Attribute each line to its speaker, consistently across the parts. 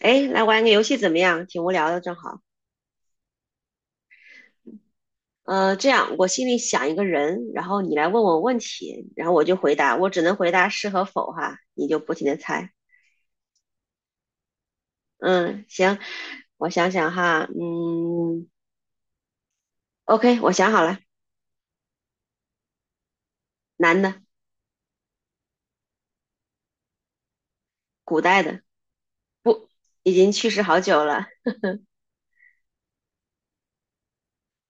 Speaker 1: 哎，来玩个游戏怎么样？挺无聊的，正好。这样，我心里想一个人，然后你来问我问题，然后我就回答，我只能回答是和否哈，你就不停的猜。嗯，行，我想想哈，嗯，OK，我想好了，男的，古代的，已经去世好久了，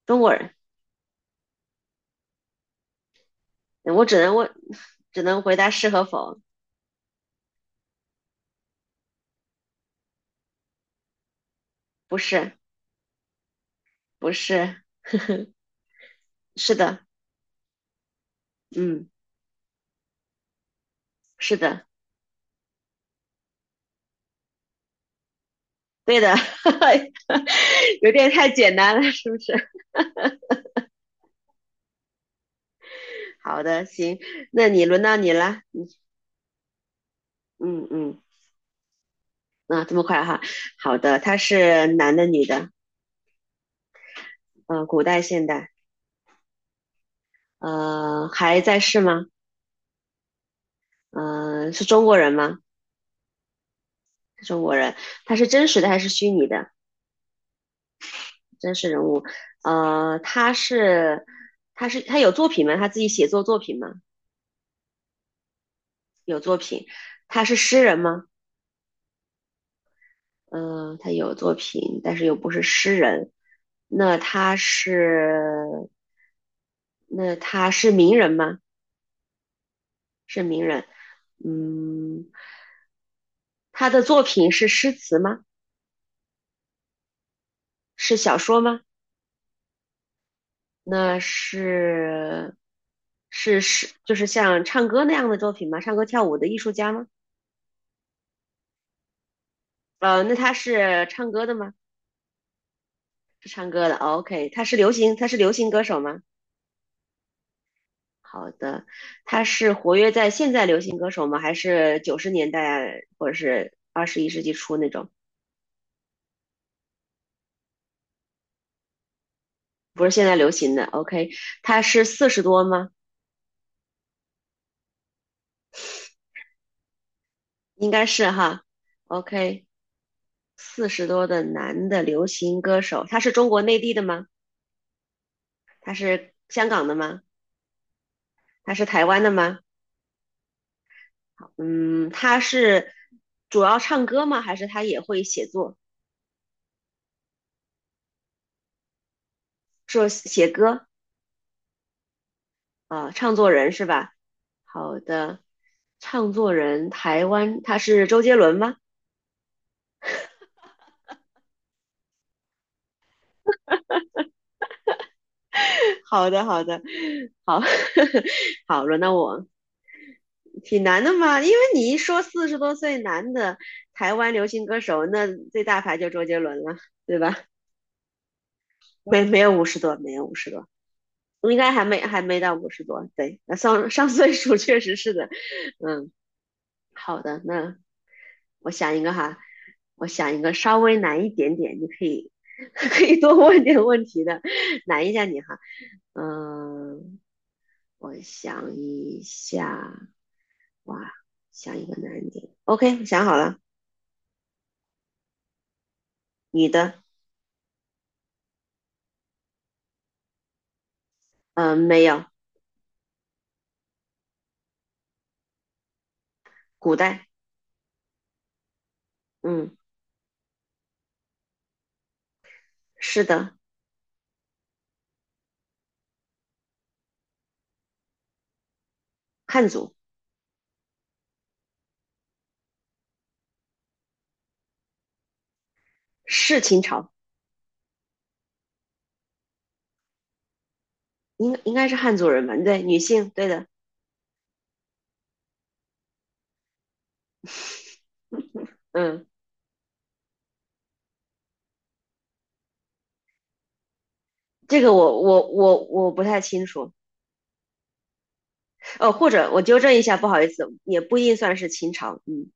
Speaker 1: 中国人。我只能问，只能回答是和否，不是，不是，是的，嗯，是的，对的，有点太简单了，是不是？好的，行，那你轮到你了。嗯嗯，啊，这么快哈。好的，他是男的女的？古代现代？还在世吗？是中国人吗？中国人，他是真实的还是虚拟的？真实人物。呃，他是他是他有作品吗？他自己写作作品吗？有作品。他是诗人吗？嗯、他有作品，但是又不是诗人。那他是那他是名人吗？是名人。嗯，他的作品是诗词吗？是小说吗？那是是是，就是像唱歌那样的作品吗？唱歌跳舞的艺术家吗？那他是唱歌的吗？是唱歌的。哦 OK，他是流行，他是流行歌手吗？好的，他是活跃在现在流行歌手吗？还是90年代或者是21世纪初那种？不是现在流行的。OK，他是四十多吗？应该是哈。OK，四十多的男的流行歌手，他是中国内地的吗？他是香港的吗？他是台湾的吗？嗯，他是主要唱歌吗？还是他也会写作？说写歌啊、唱作人是吧？好的，唱作人台湾，他是周杰伦吗？好的，好的，好，好，轮到我，挺难的嘛，因为你一说四十多岁男的台湾流行歌手，那最大牌就周杰伦了，对吧？没有五十多，没有五十多，应该还没到五十多。对，那上上岁数确实是的。嗯，好的，那我想一个哈，我想一个稍微难一点点，你可以 可以多问点问题的，难一下你哈。嗯，我想一下，哇，想一个难一点。OK，想好了，女的，嗯，没有，古代，嗯，是的，汉族，是秦朝，应该是汉族人吧？对，女性，对的。嗯，这个我不太清楚。哦，或者我纠正一下，不好意思，也不一定算是清朝。嗯，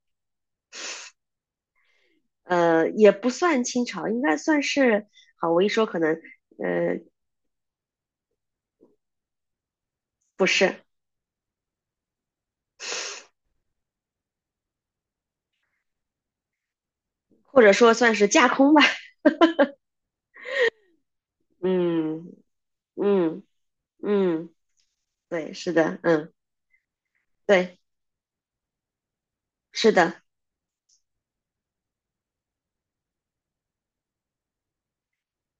Speaker 1: 也不算清朝，应该算是。好，我一说可能，呃，不是，或者说算是架空吧。嗯嗯嗯，对，是的，嗯，对，是的，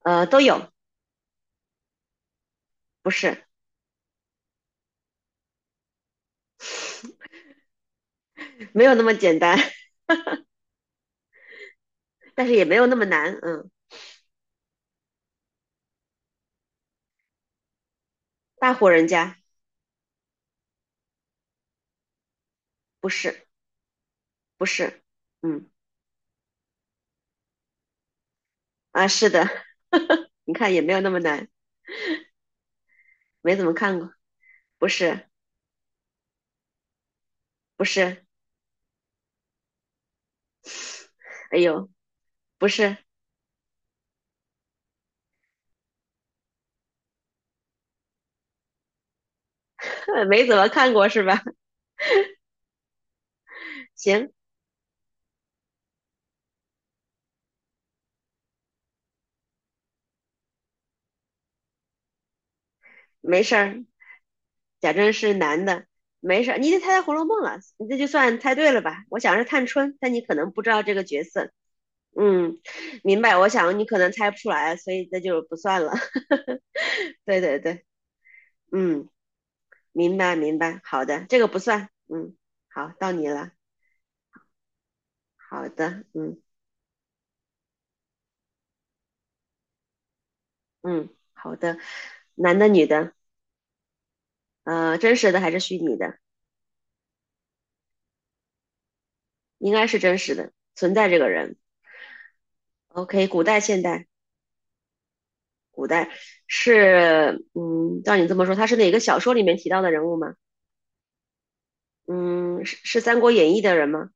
Speaker 1: 都有，不是，没有那么简单，但是也没有那么难。嗯，大户人家不是不是，嗯是的，你看也没有那么难，没怎么看过。不是，不是，哎呦，不是，没怎么看过是吧？行，没事儿，贾政是男的，没事儿，你已经猜到《红楼梦》了，你这就算猜对了吧？我想是探春，但你可能不知道这个角色。嗯，明白，我想你可能猜不出来，所以这就不算了。对对对，嗯，明白明白，好的，这个不算，嗯，好，到你了，好的，嗯嗯，好的，男的女的，真实的还是虚拟的？应该是真实的，存在这个人。OK，古代、现代，古代是，嗯，照你这么说，他是哪个小说里面提到的人物吗？嗯，是《三国演义》的人吗？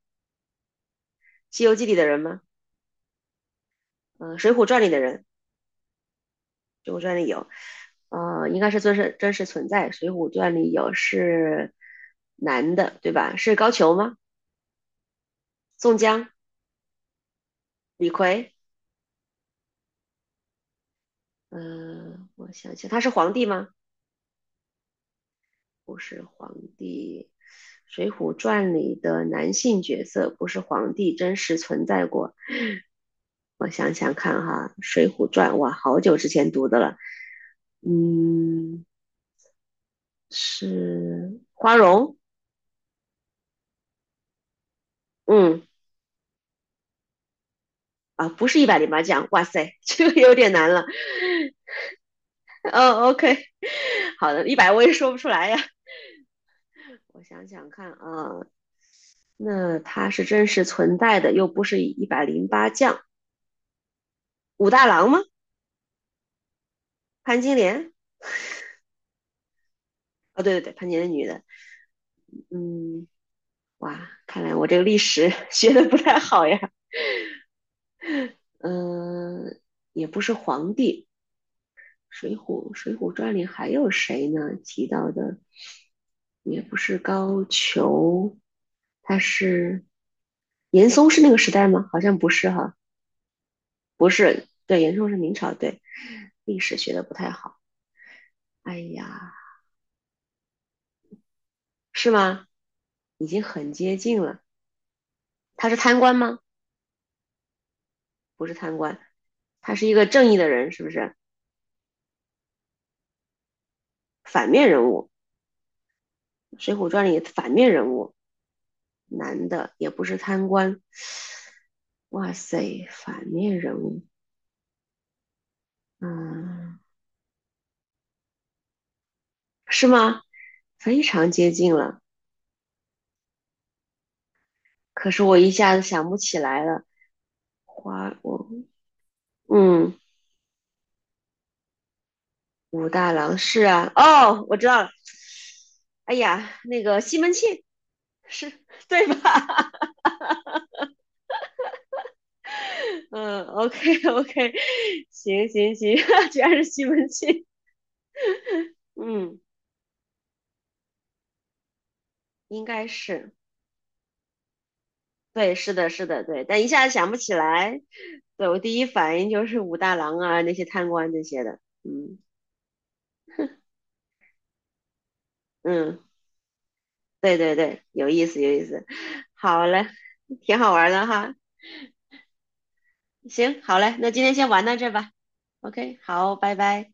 Speaker 1: 《西游记》里的人吗？嗯、水浒传》里的人，《水浒传》里有，应该是真实存在，《水浒传》里有是男的，对吧？是高俅吗？宋江、李逵，嗯、我想想，他是皇帝吗？不是皇帝，《水浒传》里的男性角色不是皇帝真实存在过。我想想看哈，《水浒传》哇，好久之前读的了。嗯，是花荣。嗯，啊，不是一百零八将。哇塞，这个有点难了。哦，OK，好的，100我也说不出来呀。我想想看啊，那他是真实存在的，又不是一百零八将，武大郎吗？潘金莲？哦，对对对，潘金莲女的。嗯，哇，看来我这个历史 学的不太好呀。嗯，也不是皇帝，《水浒传》里还有谁呢？提到的也不是高俅，他是严嵩是那个时代吗？好像不是哈，不是，对，严嵩是明朝，对，历史学的不太好。哎呀，是吗？已经很接近了。他是贪官吗？不是贪官，他是一个正义的人，是不是？反面人物。水浒传》里的反面人物，男的也不是贪官。哇塞，反面人物，嗯，是吗？非常接近了，可是我一下子想不起来了。花，我，嗯，武大郎是啊，哦，我知道了。哎呀，那个西门庆是对吧？嗯，OK OK，行行行，居然是西门庆，嗯，应该是。对，是的，是的，对，但一下子想不起来。对，我第一反应就是武大郎啊，那些贪官这些的。嗯嗯，对对对，有意思，有意思。好嘞，挺好玩的哈。行，好嘞，那今天先玩到这儿吧。OK，好，拜拜。